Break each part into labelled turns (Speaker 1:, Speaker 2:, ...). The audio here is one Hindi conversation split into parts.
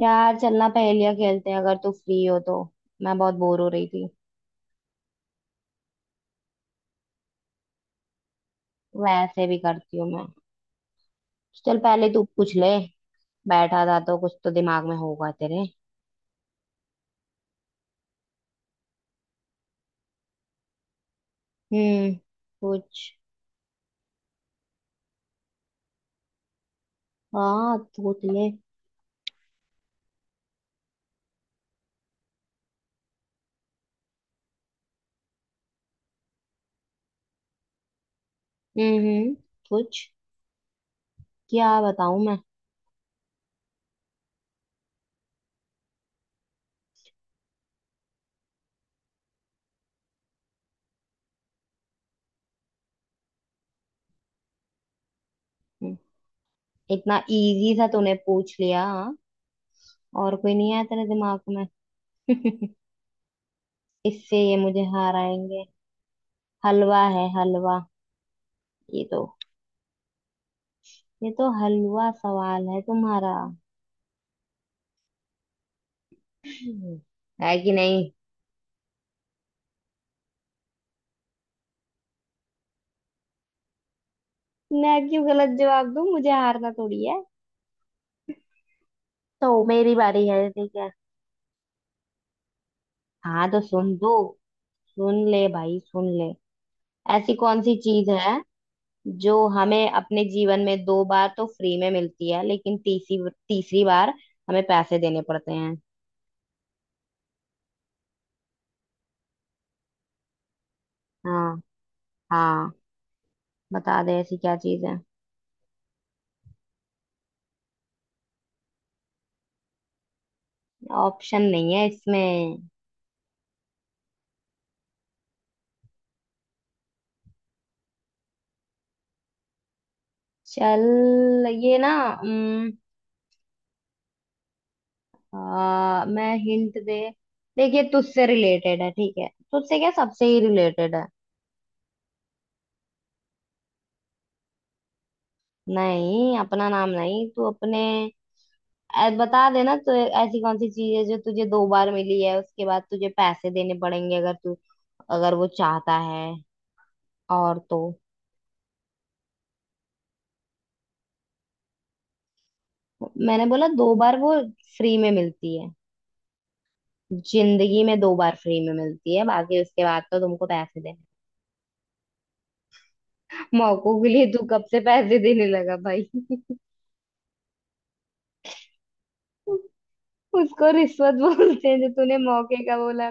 Speaker 1: यार चलना पहेलियां खेलते हैं अगर तू फ्री हो तो। मैं बहुत बोर हो रही थी। वैसे भी करती हूँ मैं। चल पहले तू पूछ ले। बैठा था तो कुछ तो दिमाग में होगा तेरे। हम्म। कुछ। हाँ सोच ले। हम्म हम्म, कुछ। क्या बताऊं मैं। हम्म, इतना इजी सा तूने पूछ लिया हाँ? और कोई नहीं आया तेरे दिमाग में। इससे ये मुझे हराएंगे। हलवा है हलवा। ये तो ये तो हलवा सवाल है तुम्हारा। है कि नहीं। मैं क्यों गलत जवाब दूं मुझे हारना थोड़ी है। तो मेरी बारी है ठीक है। हाँ तो सुन दो। सुन ले भाई सुन ले। ऐसी कौन सी चीज है जो हमें अपने जीवन में दो बार तो फ्री में मिलती है लेकिन तीसरी तीसरी बार हमें पैसे देने पड़ते हैं। हाँ। हाँ। बता दे ऐसी क्या चीज है। ऑप्शन नहीं है इसमें। चल ये ना। उम, मैं हिंट दे। देखिए तुझसे रिलेटेड है ठीक है तुझसे क्या सबसे ही रिलेटेड है। नहीं अपना नाम नहीं तू अपने। बता देना तो। ऐसी कौन सी चीज है जो तुझे दो बार मिली है उसके बाद तुझे पैसे देने पड़ेंगे अगर तू अगर वो चाहता है। और तो मैंने बोला दो बार वो फ्री में मिलती है। जिंदगी में दो बार फ्री में मिलती है बाकी उसके बाद तो तुमको पैसे देने। मौकों के लिए तू कब से पैसे देने लगा भाई। उसको रिश्वत बोलते हैं जो तूने मौके का बोला।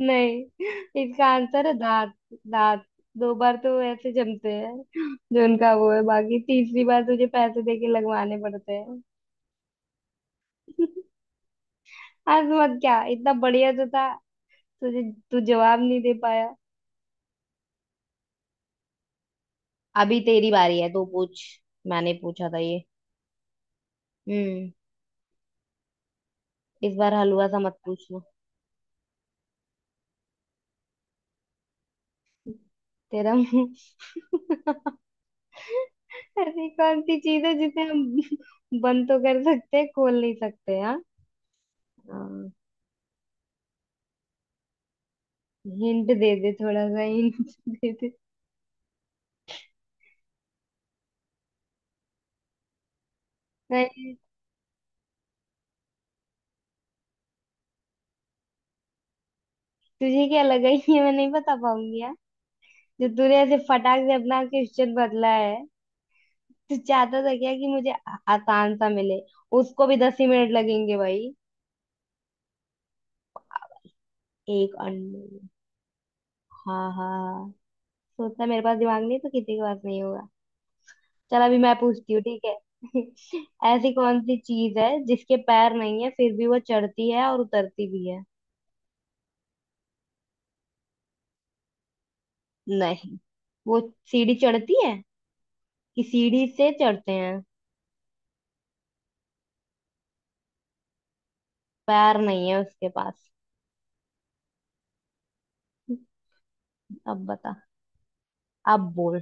Speaker 1: नहीं इसका आंसर है दांत। दांत दो बार तो ऐसे जमते हैं जो उनका वो है बाकी तीसरी बार तुझे पैसे देके लगवाने पड़ते हैं। आज मत क्या इतना बढ़िया तो था तुझे। तू जवाब नहीं दे पाया। अभी तेरी बारी है तू पूछ। मैंने पूछा था ये। हम्म। इस बार हलवा सा मत पूछना। तेरा मुंह। ऐसी कौन सी चीज है जिसे हम बंद तो कर सकते हैं खोल नहीं सकते हाँ। हाँ, हिंट दे दे थोड़ा सा हिंट दे दे। मैं तुझे क्या लगा ये मैं नहीं बता पाऊंगी यार। जो तूने ऐसे फटाक से अपना क्वेश्चन बदला है। तू चाहता था क्या कि मुझे आसान सा मिले। उसको भी 10 ही मिनट लगेंगे भाई। एक अंडे। हाँ हाँ। सोचता मेरे पास दिमाग नहीं तो किसी के पास नहीं होगा। चल अभी मैं पूछती हूँ ठीक है। ऐसी कौन सी चीज है जिसके पैर नहीं है फिर भी वो चढ़ती है और उतरती भी है। नहीं वो सीढ़ी चढ़ती है कि सीढ़ी से चढ़ते हैं। पैर नहीं है उसके पास। अब बता। अब बोल।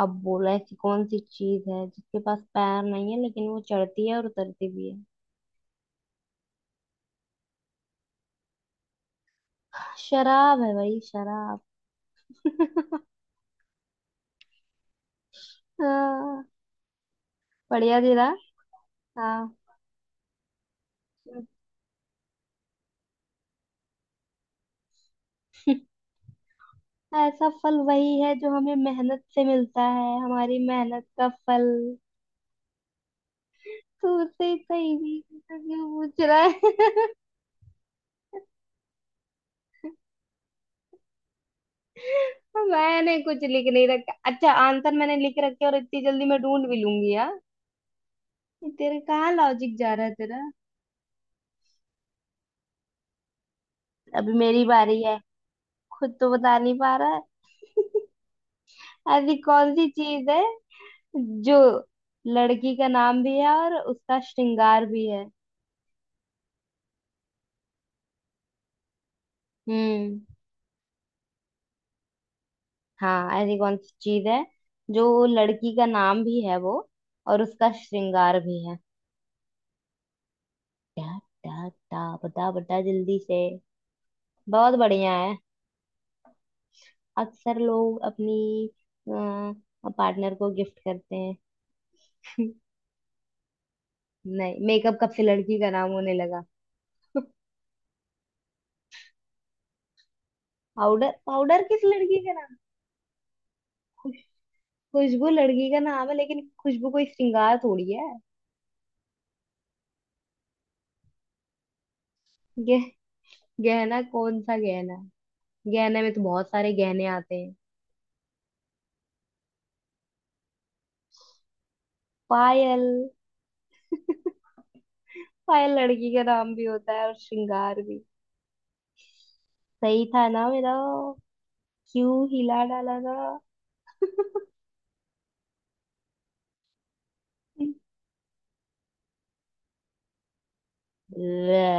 Speaker 1: अब बोल ऐसी कौन सी चीज है जिसके पास पैर नहीं है लेकिन वो चढ़ती है और उतरती भी है। शराब है भाई शराब। हाँ, बढ़िया जीरा। हाँ। ऐसा फल वही है जो हमें मेहनत से मिलता है हमारी मेहनत का फल। तू से सही भी क्यों पूछ रहा है। मैंने कुछ लिख नहीं रखा अच्छा आंसर मैंने लिख रखे और इतनी जल्दी मैं ढूंढ भी लूंगी हाँ? ये तेरे कहाँ लॉजिक जा रहा है तेरा। अभी मेरी बारी है। खुद तो बता नहीं पा रहा है। ऐसी कौन सी चीज है जो लड़की का नाम भी है और उसका श्रृंगार भी है। हम्म। हाँ ऐसी कौन सी चीज है जो लड़की का नाम भी है वो और उसका श्रृंगार भी है। टा। टा टा बता बता जल्दी से। बहुत बढ़िया है। अक्सर लोग अपनी पार्टनर को गिफ्ट करते हैं। नहीं मेकअप कब से लड़की का नाम होने लगा। पाउडर पाउडर किस लड़की का नाम। खुशबू लड़की का नाम है लेकिन खुशबू कोई श्रृंगार थोड़ी है। गे, गहना कौन सा गहना। गहने में तो बहुत सारे गहने आते हैं। पायल। पायल लड़की का नाम भी होता है और श्रृंगार भी। सही था ना मेरा। क्यों हिला डाला ना। ले,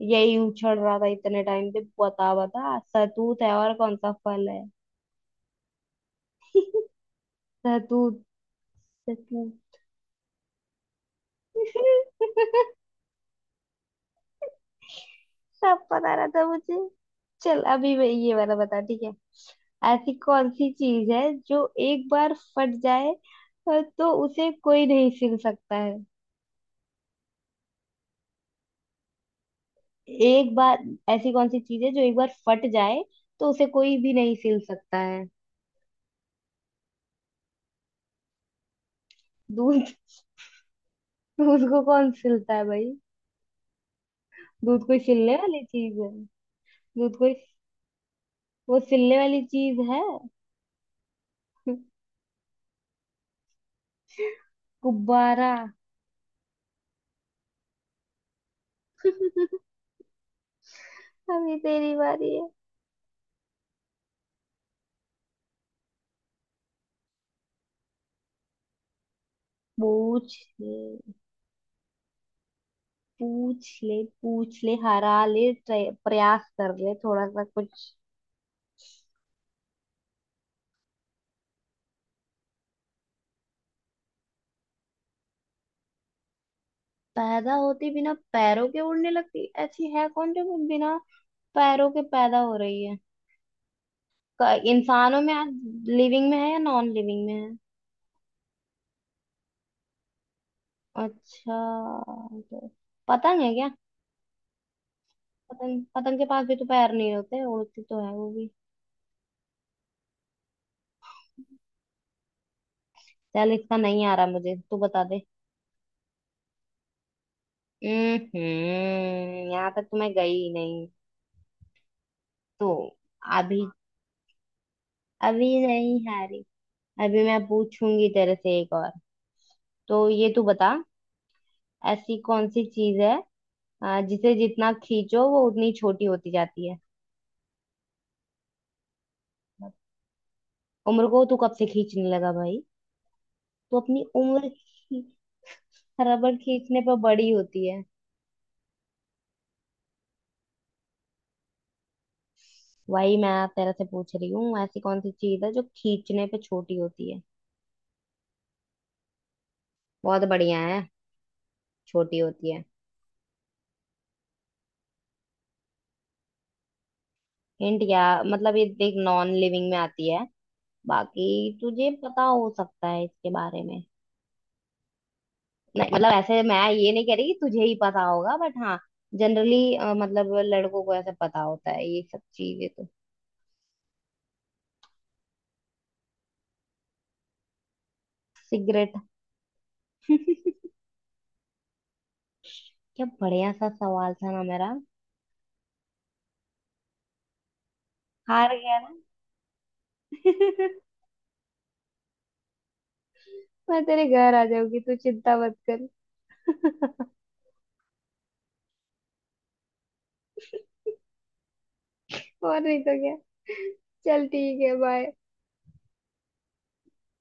Speaker 1: यही उछल रहा था इतने टाइम से बता बता सतूत है और कौन सा फल है। सतूत। सतूत। सब पता रहा था मुझे। चल अभी मैं ये वाला बता ठीक है। ऐसी कौन सी चीज है जो एक बार फट जाए तो उसे कोई नहीं सिल सकता है। एक बार ऐसी कौन सी चीज है जो एक बार फट जाए तो उसे कोई भी नहीं सिल सकता है। दूध। दूध को कौन सिलता है भाई। दूध कोई सिलने वाली चीज है। दूध कोई वो सिलने वाली चीज है। गुब्बारा। अभी तेरी बारी है। पूछ ले। पूछ ले पूछ ले हरा ले प्रयास कर ले थोड़ा सा कुछ। पैदा होती बिना पैरों के उड़ने लगती ऐसी है कौन जो बिना पैरों के पैदा हो रही है। इंसानों में। लिविंग में है या नॉन लिविंग में है। अच्छा। तो पतंग है क्या। पतंग पतंग के पास भी तो पैर नहीं होते उड़ती तो है वो भी। चल इसका नहीं आ रहा मुझे तू बता दे। हम्म। यहाँ तक तो मैं गई ही नहीं। तो अभी अभी नहीं हारी। अभी मैं पूछूंगी तेरे से एक और। तो ये तू बता। ऐसी कौन सी चीज है जिसे जितना खींचो वो उतनी छोटी होती जाती है। उम्र को तू कब से खींचने लगा भाई। तू अपनी उम्र रबड़ खींचने पर बड़ी होती है। वही मैं तेरे से पूछ रही हूँ ऐसी कौन सी चीज है जो खींचने पे छोटी होती है। बहुत बढ़िया है। छोटी होती है। हिंट क्या मतलब ये देख नॉन लिविंग में आती है। बाकी तुझे पता हो सकता है इसके बारे में। नहीं मतलब ऐसे मैं ये नहीं कह रही कि तुझे ही पता होगा बट हाँ जनरली मतलब लड़कों को ऐसे पता होता है ये सब चीजें तो। सिगरेट। क्या बढ़िया सा सवाल था ना मेरा। हार गया ना। मैं तेरे घर आ जाऊंगी तू चिंता मत कर। और नहीं तो क्या। चल ठीक है बाय।